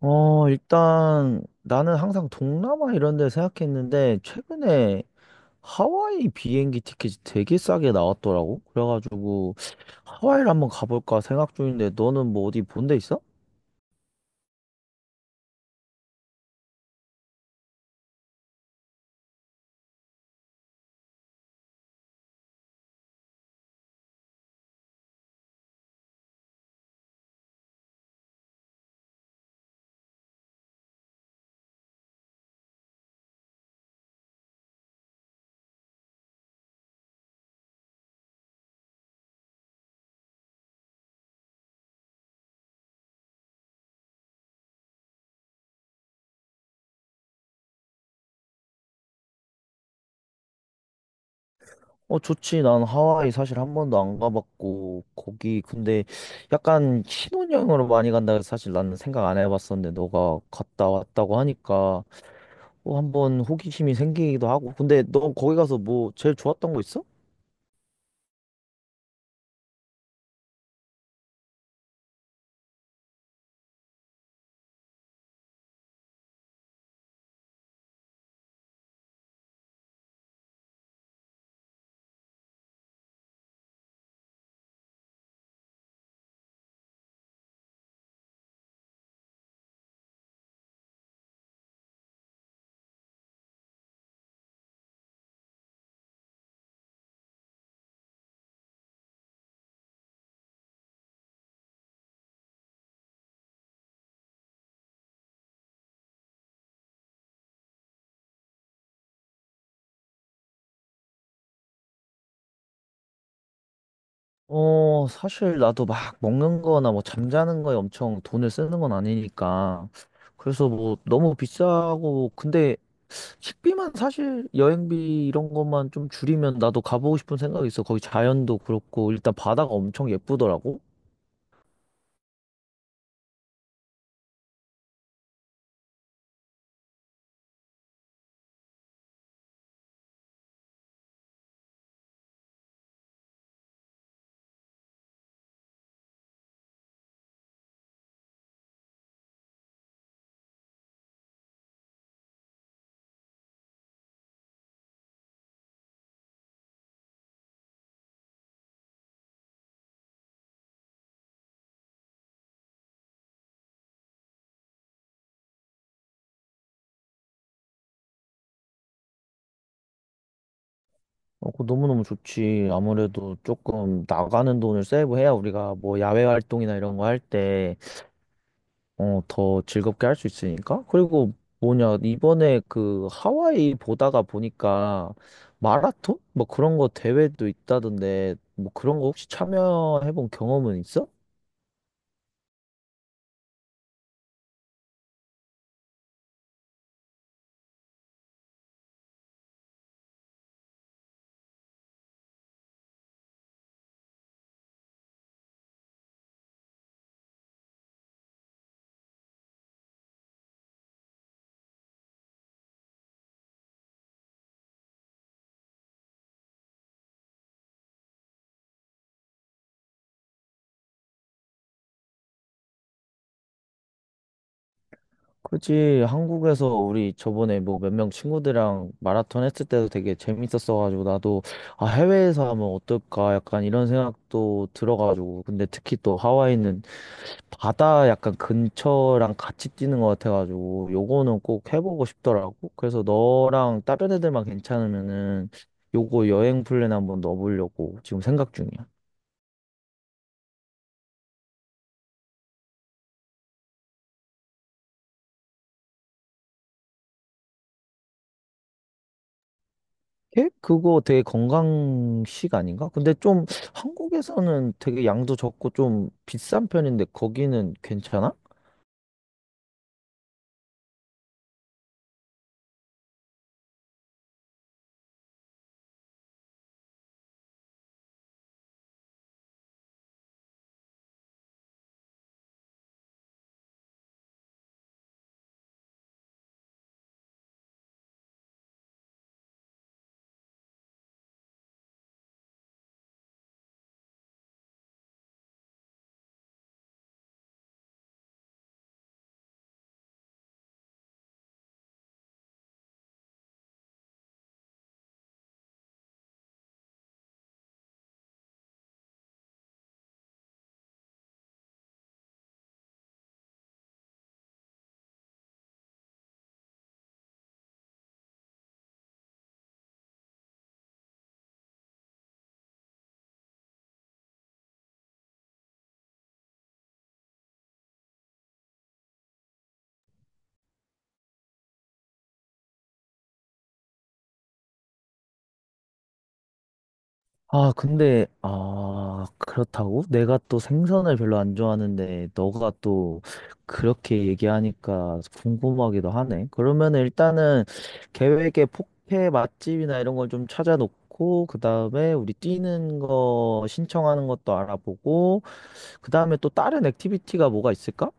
일단 나는 항상 동남아 이런 데 생각했는데 최근에 하와이 비행기 티켓이 되게 싸게 나왔더라고. 그래가지고 하와이를 한번 가볼까 생각 중인데 너는 뭐 어디 본데 있어? 어, 좋지. 난 하와이 사실 한 번도 안 가봤고 거기 근데 약간 신혼여행으로 많이 간다 해서 사실 나는 생각 안 해봤었는데 너가 갔다 왔다고 하니까 어 한번 호기심이 생기기도 하고 근데 너 거기 가서 뭐 제일 좋았던 거 있어? 사실 나도 막 먹는 거나 뭐 잠자는 거에 엄청 돈을 쓰는 건 아니니까. 그래서 뭐 너무 비싸고, 근데 식비만 사실 여행비 이런 것만 좀 줄이면 나도 가보고 싶은 생각이 있어. 거기 자연도 그렇고, 일단 바다가 엄청 예쁘더라고. 어, 그거 너무너무 좋지. 아무래도 조금 나가는 돈을 세이브해야 우리가 뭐 야외 활동이나 이런 거할때 더 즐겁게 할 수 있으니까. 그리고 뭐냐, 이번에 그 하와이 보다가 보니까 마라톤? 뭐 그런 거 대회도 있다던데, 뭐 그런 거 혹시 참여해 본 경험은 있어? 그치, 한국에서 우리 저번에 뭐 몇 명 친구들이랑 마라톤 했을 때도 되게 재밌었어가지고 나도 아, 해외에서 하면 어떨까 약간 이런 생각도 들어가지고. 근데 특히 또 하와이는 바다 약간 근처랑 같이 뛰는 것 같아가지고 요거는 꼭 해보고 싶더라고. 그래서 너랑 다른 애들만 괜찮으면은 요거 여행 플랜 한번 넣어보려고 지금 생각 중이야. 예? 그거 되게 건강식 아닌가? 근데 좀 한국에서는 되게 양도 적고 좀 비싼 편인데 거기는 괜찮아? 아, 근데, 아, 그렇다고? 내가 또 생선을 별로 안 좋아하는데, 너가 또 그렇게 얘기하니까 궁금하기도 하네. 그러면 일단은 계획에 포케 맛집이나 이런 걸 좀 찾아놓고, 그 다음에 우리 뛰는 거 신청하는 것도 알아보고, 그 다음에 또 다른 액티비티가 뭐가 있을까?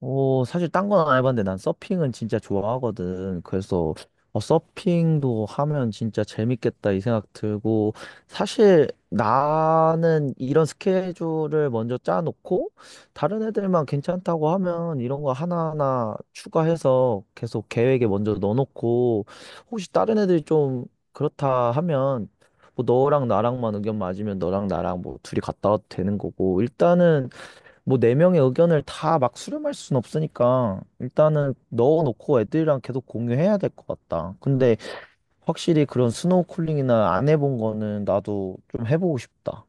사실 딴 건 안 해봤는데 난 서핑은 진짜 좋아하거든. 그래서 서핑도 하면 진짜 재밌겠다 이 생각 들고 사실 나는 이런 스케줄을 먼저 짜놓고 다른 애들만 괜찮다고 하면 이런 거 하나하나 추가해서 계속 계획에 먼저 넣어놓고 혹시 다른 애들이 좀 그렇다 하면 뭐 너랑 나랑만 의견 맞으면 너랑 나랑 뭐 둘이 갔다 와도 되는 거고 일단은 뭐 네 명의 의견을 다 막 수렴할 순 없으니까 일단은 넣어놓고 애들이랑 계속 공유해야 될 것 같다. 근데 확실히 그런 스노우쿨링이나 안 해본 거는 나도 좀 해보고 싶다.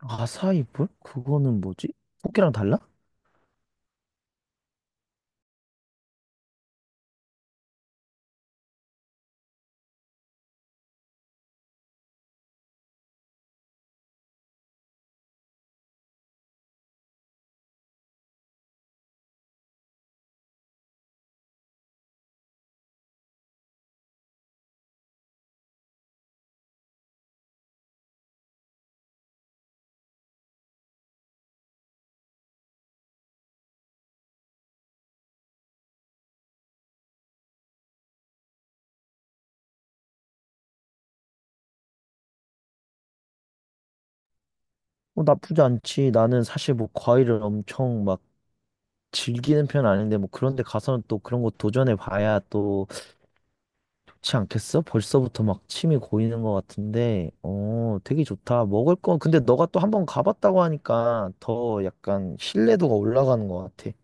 아사이볼? 그거는 뭐지? 포기랑 달라? 어, 나쁘지 않지. 나는 사실 뭐 과일을 엄청 막 즐기는 편은 아닌데 뭐 그런 데 가서는 또 그런 거 도전해 봐야 또 그렇지 않겠어? 벌써부터 막 침이 고이는 것 같은데, 어, 되게 좋다. 먹을 거, 근데 너가 또 한 번 가봤다고 하니까 더 약간 신뢰도가 올라가는 것 같아.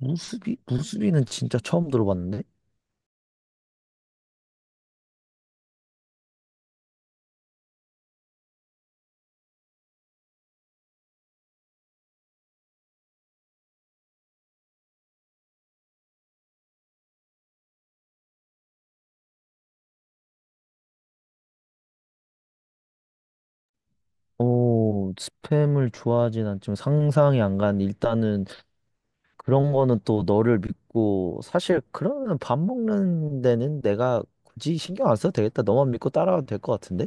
무수비? 무수비는 진짜 처음 들어봤는데? 어, 스팸을 좋아하진 않지만 상상이 안 가는데, 일단은 그런 거는 또 너를 믿고, 사실 그러면 밥 먹는 데는 내가 굳이 신경 안 써도 되겠다. 너만 믿고 따라와도 될 것 같은데?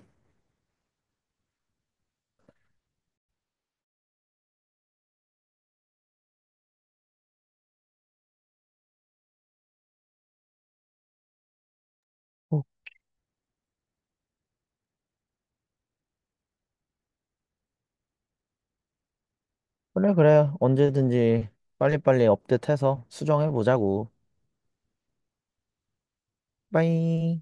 그래, 그래. 언제든지 빨리빨리 업데이트해서 수정해보자고. 빠이.